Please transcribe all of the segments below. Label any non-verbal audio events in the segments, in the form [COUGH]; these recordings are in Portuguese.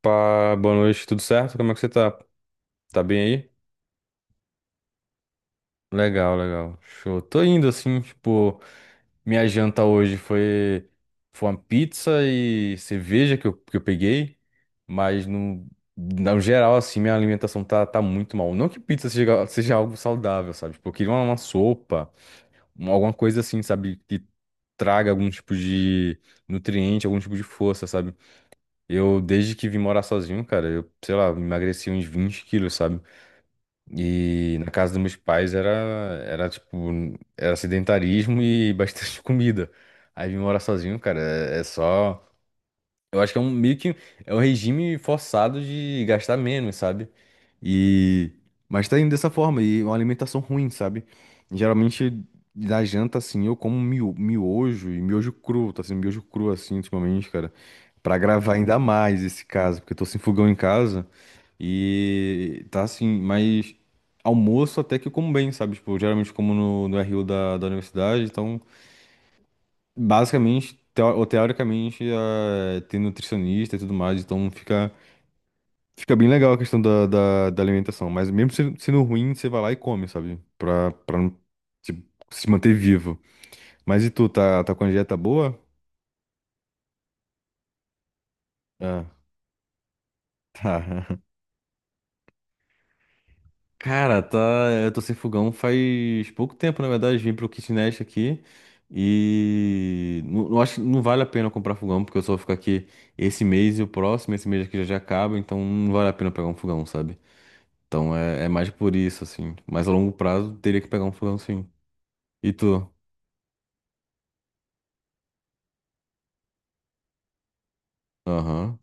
Opa, boa noite, tudo certo? Como é que você tá? Tá bem aí? Legal, legal. Show. Tô indo assim, tipo, minha janta hoje foi uma pizza e cerveja que eu peguei, mas no geral, assim, minha alimentação tá muito mal. Não que pizza seja algo saudável, sabe? Tipo, eu queria uma sopa, alguma coisa assim, sabe? Que traga algum tipo de nutriente, algum tipo de força, sabe? Eu, desde que vim morar sozinho, cara, eu, sei lá, emagreci uns 20 quilos, sabe? E na casa dos meus pais era tipo, era sedentarismo e [LAUGHS] bastante comida. Aí vim morar sozinho, cara, é só. Eu acho que é um meio que é um regime forçado de gastar menos, sabe? E. Mas tá indo dessa forma, e uma alimentação ruim, sabe? Geralmente na janta, assim, eu como miojo e miojo cru, tá sendo miojo cru assim ultimamente, cara. Pra gravar ainda mais esse caso, porque eu tô sem fogão em casa. E tá assim, mas almoço até que eu como bem, sabe? Tipo, eu geralmente como no RU da universidade, então basicamente, ou teoricamente, tem nutricionista e tudo mais, então fica bem legal a questão da alimentação. Mas mesmo sendo ruim, você vai lá e come, sabe? Pra não, tipo, se manter vivo. Mas e tu, tá com a dieta boa? Ah, [LAUGHS] tá. Cara, tá. Eu tô sem fogão faz pouco tempo, na verdade. Vim pro kitnet aqui Não, não acho que não vale a pena comprar fogão, porque eu só vou ficar aqui esse mês e o próximo. Esse mês aqui já acaba, então não vale a pena pegar um fogão, sabe? Então é mais por isso, assim. Mas a longo prazo teria que pegar um fogão, sim. E tu? Aham.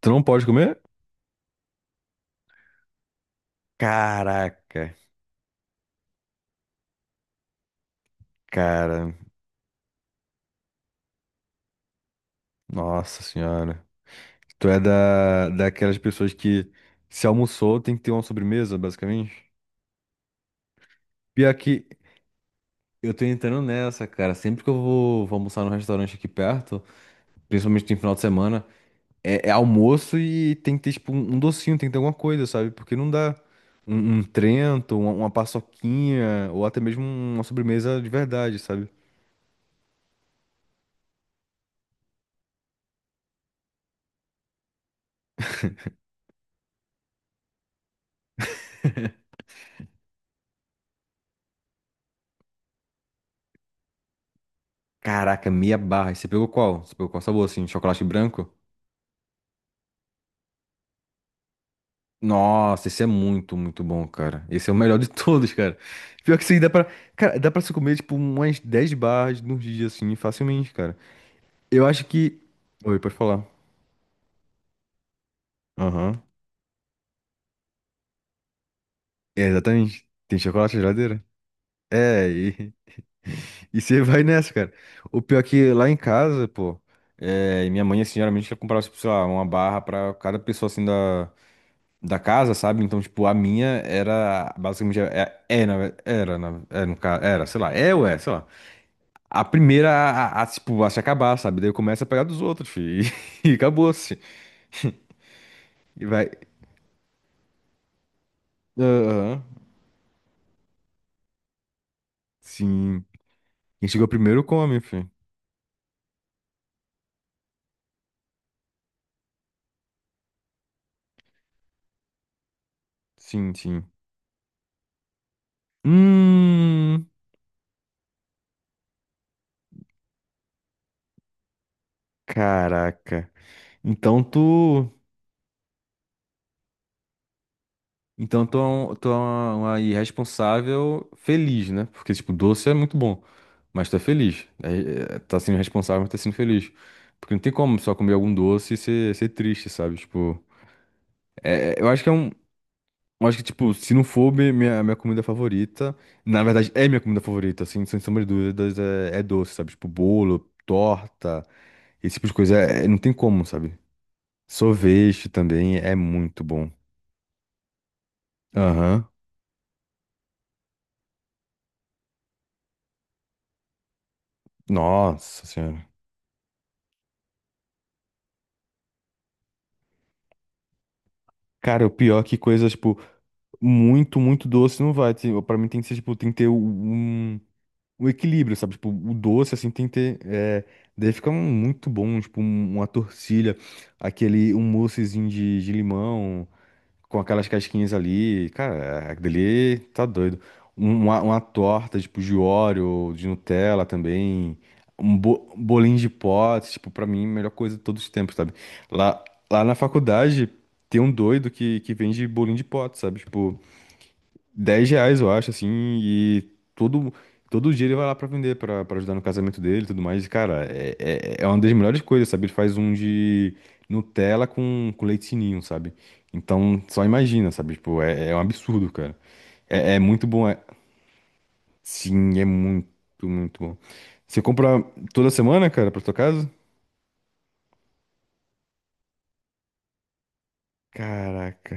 Tu não pode comer? Caraca, cara. Nossa senhora. Tu é daquelas pessoas que, se almoçou, tem que ter uma sobremesa, basicamente? Pior que Eu tô entrando nessa, cara. Sempre que eu vou almoçar num restaurante aqui perto, principalmente no final de semana, é almoço e tem que ter, tipo, um docinho, tem que ter alguma coisa, sabe? Porque não dá um Trento, uma paçoquinha, ou até mesmo uma sobremesa de verdade, sabe? Caraca, meia barra. E você pegou qual? Você pegou qual sabor, assim? Chocolate branco? Nossa, esse é muito, muito bom, cara. Esse é o melhor de todos, cara. Pior que isso aí dá pra... Cara, dá pra se comer, tipo, umas 10 barras num dia, assim, facilmente, cara. Eu acho que... Oi, pode falar. Aham. É, exatamente. Tem chocolate na geladeira? É, [LAUGHS] e você vai nessa, cara. O pior é que lá em casa, pô, minha mãe, assim, geralmente ela comprava, tipo, sei lá, uma barra pra cada pessoa, assim, da casa, sabe? Então, tipo, a minha era, basicamente, na- era, na- é, no caso, era, sei lá, é ou é, sei lá. A primeira tipo, a se acabar, sabe? Daí eu começo a pegar dos outros, fi, [LAUGHS] e, acabou-se. E vai, aham, sim. Quem chegou primeiro come, fi. Sim, sim. Hum, caraca. Então tu, então tu é uma irresponsável feliz, né? Porque, tipo, doce é muito bom, mas tu é feliz. É, tá sendo responsável, mas tá sendo feliz. Porque não tem como só comer algum doce e ser triste, sabe? Tipo, eu acho que eu acho que, tipo, se não for minha comida favorita, na verdade é minha comida favorita, assim, sem sombra de dúvidas, é doce, sabe? Tipo, bolo, torta, esse tipo de coisa, não tem como, sabe? Sorvete também é muito bom. Aham. Nossa senhora. Cara, o pior é que coisa, tipo, muito, muito doce não vai. Tipo, pra mim tem que ser, tipo, tem que ter um equilíbrio, sabe? Tipo, o doce, assim, tem que ter. Daí fica muito bom, tipo, uma torcilha, aquele, um moussezinho de limão, com aquelas casquinhas ali. Cara, aquele ali tá doido. Uma torta, tipo, de Oreo, de Nutella também. Um bolinho de pote, tipo, pra mim, a melhor coisa de todos os tempos, sabe? Lá, lá na faculdade, tem um doido que vende bolinho de pote, sabe? Tipo, R$ 10, eu acho, assim, e todo, todo dia ele vai lá pra vender, pra ajudar no casamento dele e tudo mais. E, cara, é uma das melhores coisas, sabe? Ele faz um de Nutella com leite sininho, sabe? Então, só imagina, sabe? Tipo, é um absurdo, cara. É muito bom, é... Sim, é muito, muito bom. Você compra toda semana, cara, pra tua casa? Caraca.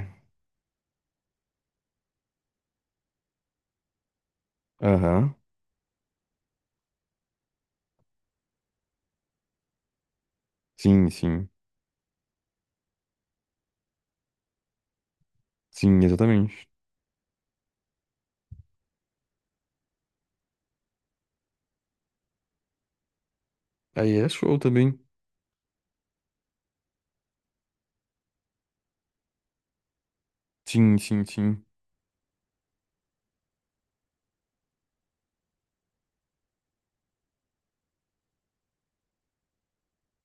Aham. Sim, sim. Sim, exatamente. Aí é show também. Sim, sim, sim.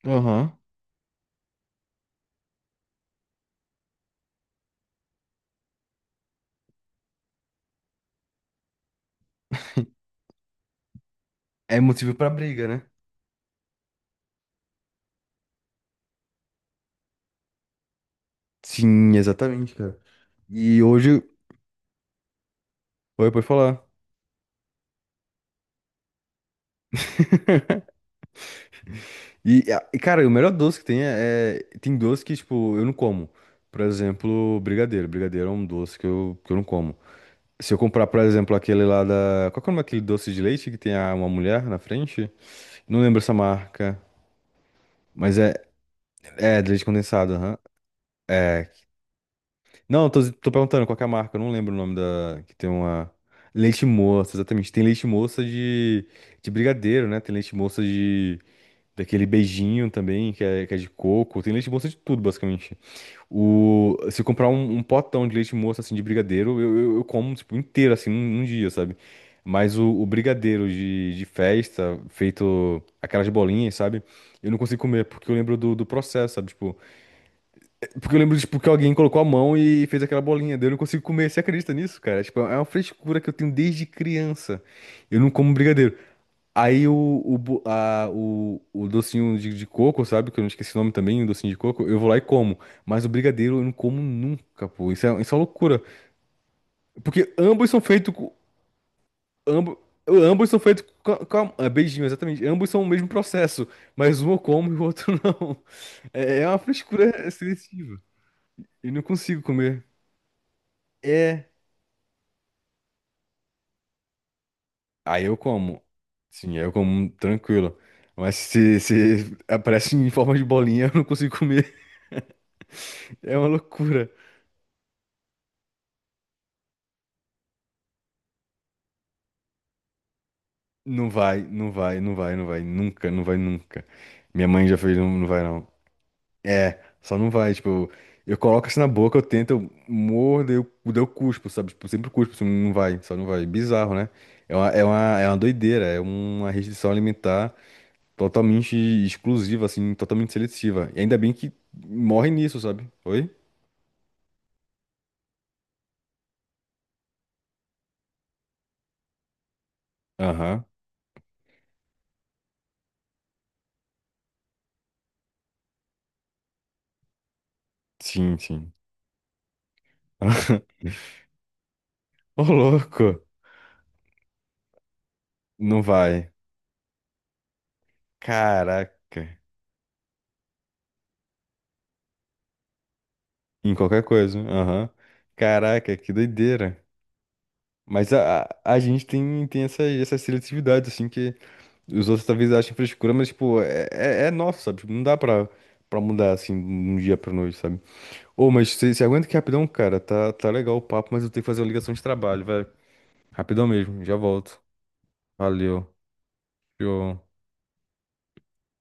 Aham. É motivo pra briga, né? Sim, exatamente, cara. E hoje. Oi, pode falar. E, cara, o melhor doce que tem é... Tem doce que, tipo, eu não como. Por exemplo, brigadeiro. Brigadeiro é um doce que eu não como. Se eu comprar, por exemplo, aquele lá da... Qual que é o nome daquele doce de leite que tem uma mulher na frente? Não lembro essa marca. Mas é. É, de leite condensado, aham. É. Não, eu tô perguntando qual que é a marca. Eu não lembro o nome da. Que tem uma. Leite moça, exatamente. Tem leite moça de brigadeiro, né? Tem leite moça daquele beijinho também, que é de coco. Tem leite moça de tudo, basicamente. Se eu comprar um potão de leite moça, assim, de brigadeiro, eu como, tipo, inteiro, assim, num dia, sabe? Mas o brigadeiro de festa, feito aquelas bolinhas, sabe? Eu não consigo comer, porque eu lembro do processo, sabe? Tipo, porque eu lembro, tipo, que alguém colocou a mão e fez aquela bolinha. Daí eu não consigo comer. Você acredita nisso, cara? Tipo, é uma frescura que eu tenho desde criança. Eu não como brigadeiro. Aí o, bo- a- o docinho de coco, sabe? Que eu não esqueci o nome também, o docinho de coco, eu vou lá e como. Mas o brigadeiro eu não como nunca, pô. Isso é uma loucura. Porque ambos são feitos com... Ambos, ambos são feitos com ah, beijinho, exatamente. Ambos são o mesmo processo. Mas um eu como e o outro [LAUGHS] não. É uma frescura seletiva. Eu não consigo comer. É. Aí eu como. Sim, aí eu como tranquilo. Mas se aparece em forma de bolinha, [LAUGHS] eu não consigo comer. É uma loucura. Não vai, não vai, não vai, não vai, nunca, não vai nunca. Minha mãe já fez, não, não vai não. É, só não vai, tipo, eu coloco assim na boca, eu tento, eu mordo, eu cuspo, sabe? Tipo, sempre cuspo, assim, não vai, só não vai. Bizarro, né? É uma doideira, é uma restrição alimentar totalmente exclusiva, assim, totalmente seletiva. E ainda bem que morre nisso, sabe? Oi? Aham. Sim, sim. [LAUGHS] Ô, louco, não vai. Caraca. Em qualquer coisa. Aham. Caraca, que doideira. Mas a gente tem essa seletividade, assim, que os outros talvez achem frescura, mas, tipo, é nosso, sabe? Tipo, não dá pra mudar, assim, de um dia pra noite, sabe? Ô, mas você aguenta que rapidão, cara. Tá legal o papo, mas eu tenho que fazer uma ligação de trabalho, vai. Rapidão mesmo, já volto. Valeu. Tchau.